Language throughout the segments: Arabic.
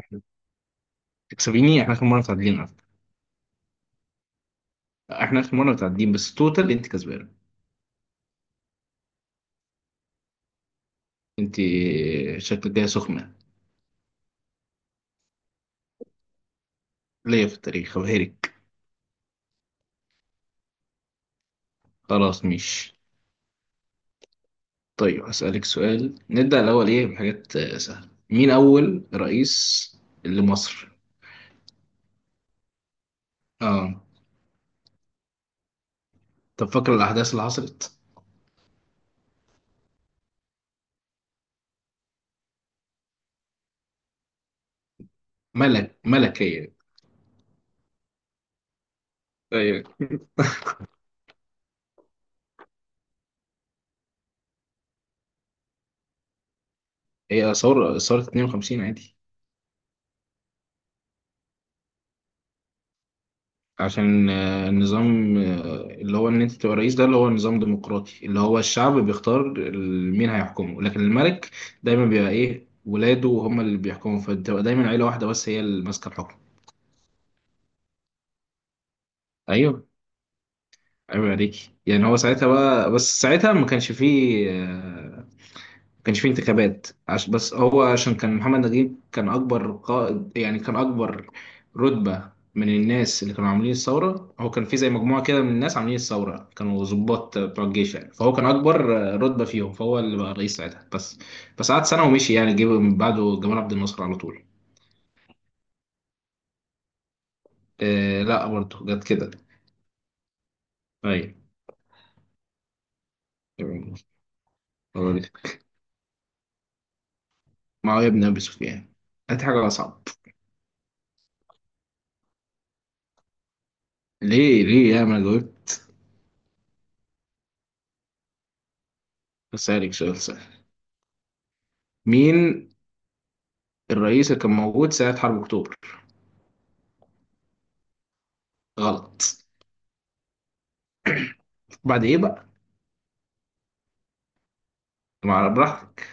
احنا تكسبيني احنا اخر مره متعادلين على فكرة. احنا اخر مره متعادلين بس توتال انت كسبانه. انت شكلك جايه سخنه. ليا في التاريخ وهيرك. خلاص مش. طيب هسألك سؤال، نبدأ الأول إيه بحاجات سهلة. مين أول رئيس لمصر؟ آه، طب فاكر الأحداث اللي حصلت؟ ملك هي. أيوة. هي ثورة 52 عادي. عشان النظام، اللي هو ان انت تبقى رئيس، ده اللي هو نظام ديمقراطي اللي هو الشعب بيختار مين هيحكمه، لكن الملك دايما بيبقى ايه، ولاده هم اللي بيحكموا، فبتبقى دايما عيلة واحدة بس هي اللي ماسكة الحكم. ايوه، ايوه، عليكي يعني. هو ساعتها بقى، بس ساعتها ما كانش فيه انتخابات. بس هو عشان كان محمد نجيب كان أكبر قائد، يعني كان أكبر رتبة من الناس اللي كانوا عاملين الثورة. هو كان في زي مجموعة كده من الناس عاملين الثورة كانوا ضباط بتوع الجيش يعني، فهو كان أكبر رتبة فيهم، فهو اللي بقى رئيس ساعتها. بس قعد سنة ومشي يعني، جه من بعده جمال عبد الناصر على طول. آه، لا، برضه جت كده. أيوة. هو دي. معاوية بن أبي سفيان. هات حاجة أصعب. ليه ليه، يا ما جاوبت؟ بسألك سؤال سهل. مين الرئيس اللي كان موجود سنة حرب أكتوبر؟ غلط. بعد إيه بقى؟ مع براحتك.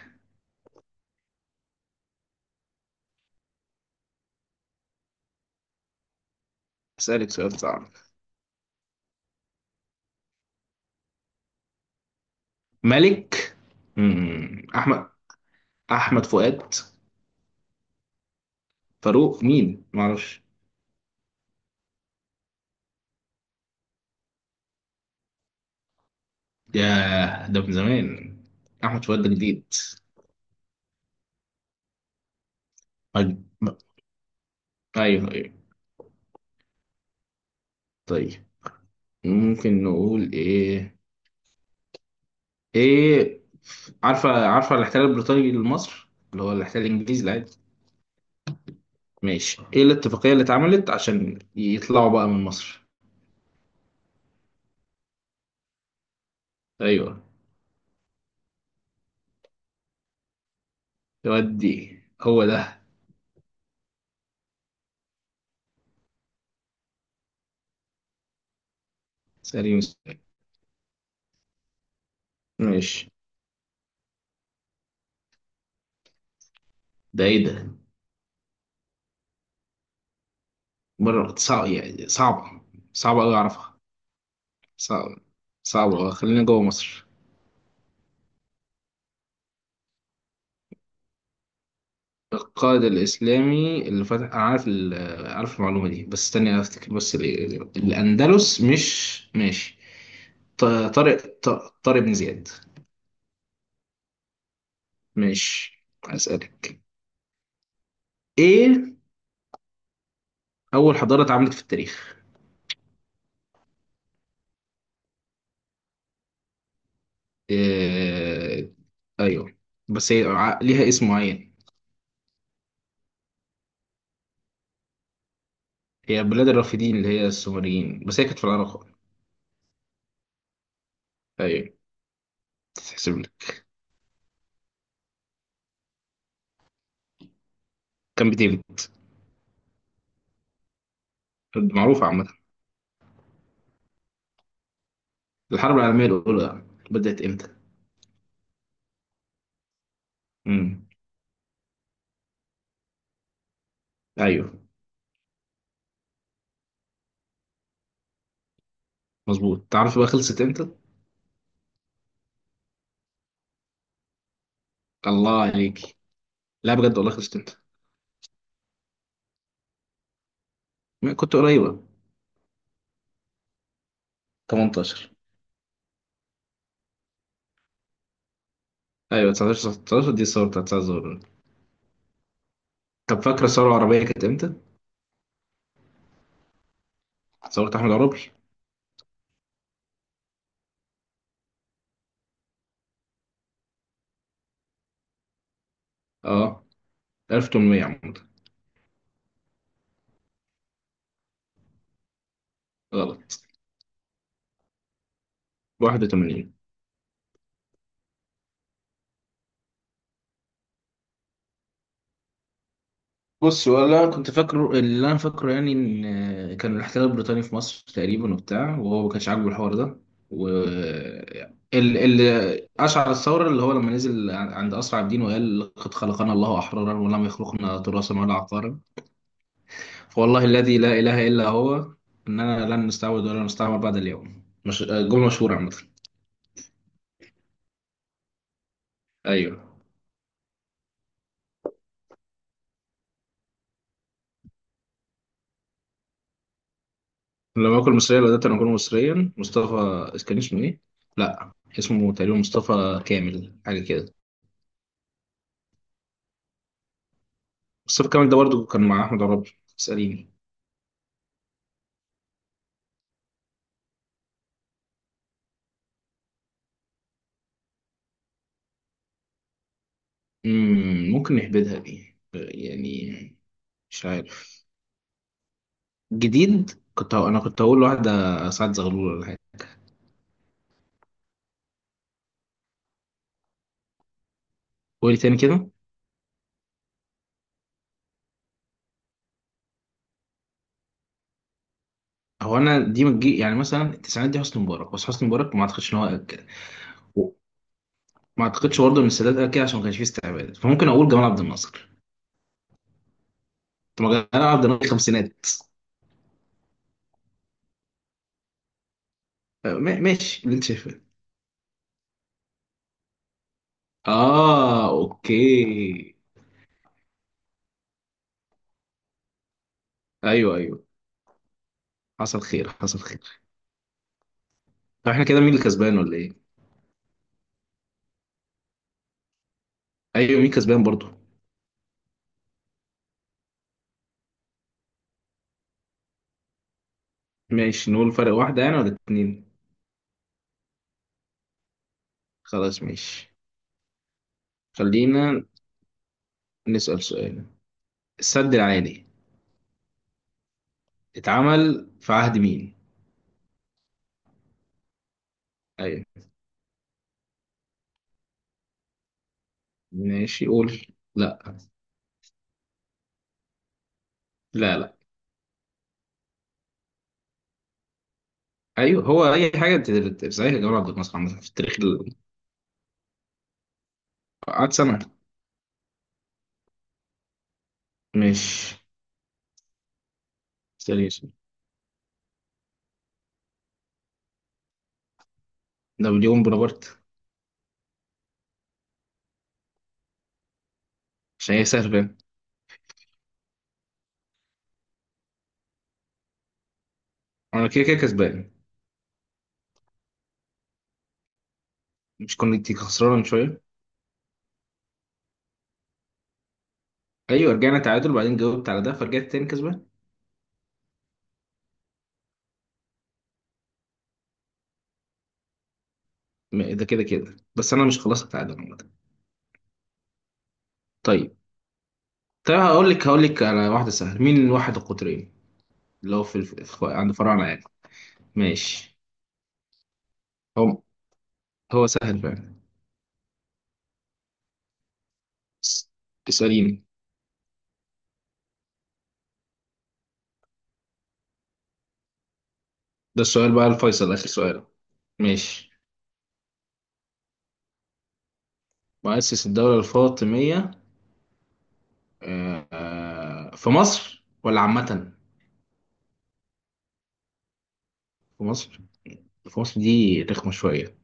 أسألك سؤال صعب. ملك. مم. أحمد فؤاد. فاروق مين؟ معرفش. ياه، ده من زمان. أحمد فؤاد ده جديد. أج- أيوه، أيوه. طيب، ممكن نقول إيه؟ إيه، عارفة، عارفة الاحتلال البريطاني لمصر؟ اللي هو الاحتلال الإنجليزي العادي. ماشي، إيه الاتفاقية اللي اتعملت عشان يطلعوا بقى من مصر؟ أيوه، يودي. هو ده. سليم، سليم. ماشي. ده ايه ده؟ بره صعب يعني، صعبة، صعبة أوي أعرفها، صعبة، صعبة أوي. خلينا جوه مصر. القائد الإسلامي اللي فتح، أنا عارف ال، عارف المعلومة دي بس استني أفتكر بس ال، الأندلس، مش ماشي. ط- طارق طارق بن زياد. ماشي، أسألك. إيه أول حضارة اتعملت في التاريخ؟ إيه، أيوه، بس هي ليها اسم معين. هي بلاد الرافدين اللي هي السومريين، بس هي كانت في العراق. أيوه، تتحسب لك، كام بتيجي. معروفة عامة. الحرب العالمية الأولى بدأت إمتى؟ امم. أيوه، مظبوط. تعرف بقى خلصت إمتى؟ الله عليك. لا بجد والله، خلصت إمتى؟ ما كنت قريبة. 18. أيوه، 19، 19 دي الثورة بتاعت 9 الظهر. طب فاكرة الثورة العربية كانت إمتى؟ ثورة أحمد عرابي؟ أه، 1800 عامة. غلط. 81. بص والله انا كنت فاكره اللي انا فاكره، يعني ان كان الاحتلال البريطاني في مصر تقريبا وبتاع، وهو ما كانش عاجبه الحوار ده، و اللي اشعل الثوره اللي هو لما نزل عند اسرع الدين وقال: لقد خلقنا الله احرارا ولم يخلقنا تراثا ولا عقارا، فوالله الذي لا اله الا هو اننا لن نستعبد ولا نستعمر بعد اليوم. مش جمله مشهوره عامه؟ ايوه، لما اكون مصريا لو قدرت انا اكون مصريا، مصطفى، كان اسمه ايه؟ لا، اسمه تقريبا مصطفى كامل، حاجه كده. بس الكلام ده برضه كان مع أحمد عرابي. اسأليني. ممكن نهبدها دي يعني. مش عارف. جديد، أنا كنت هقول واحدة، سعد زغلول ولا حاجة. قولي تاني كده. هو أنا دي ما تجي، يعني مثلا التسعينات دي حسني مبارك، بس حسني مبارك ما أعتقدش إن هو قال كده. ما أعتقدش برضه إن السادات قال كده عشان ما كانش فيه استعباد، فممكن أقول جمال عبد الناصر. طب ما جمال عبد الناصر خمسينات. ماشي اللي أنت شايفه. آه، أوكي. أيوه، أيوه. حصل خير، حصل خير. طب إحنا كده مين اللي كسبان ولا إيه؟ ايوه، مين كسبان برضو. ماشي، نقول فرق واحدة يعني ولا اتنين. خلاص ماشي. خلينا نسأل سؤال. السد العالي اتعمل في عهد مين؟ ايوه. ماشي، قول. لا، لا، لا. ايوه، هو اي حاجة انت صحيح. جمال عبد الناصر عامة في التاريخ قعد سنة. ماشي، سيريس، نابليون بونابرت. عشان هي سهل فاهم. انا كده كده كسبان. مش كنت خسران من شوية؟ ايوه، رجعنا تعادل، بعدين جاوبت على ده فرجعت تاني كسبان. ده كده كده، بس انا مش، خلاص التعادل عامة. طيب، طيب، هقول لك على واحدة سهلة. مين واحد القطرين اللي هو في الف، في عند فراعنة يعني. ماشي. هو هو سهل فعلا. اس- اسأليني. ده السؤال بقى الفيصل، آخر سؤال. ماشي. مؤسس الدولة الفاطمية، في مصر ولا عامة؟ في مصر. في مصر دي رخمة شوية.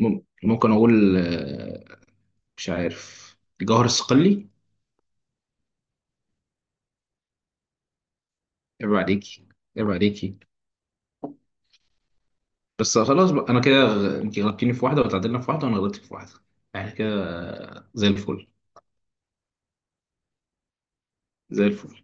ممكن أقول مش عارف، جوهر الصقلي. عيب عليكي، عيب عليكي. بس خلاص بقى، انا كده انت غلطتيني في واحده، وتعادلنا في واحده، وانا غلطت في واحده. احنا كده زي الفل، زي الفل.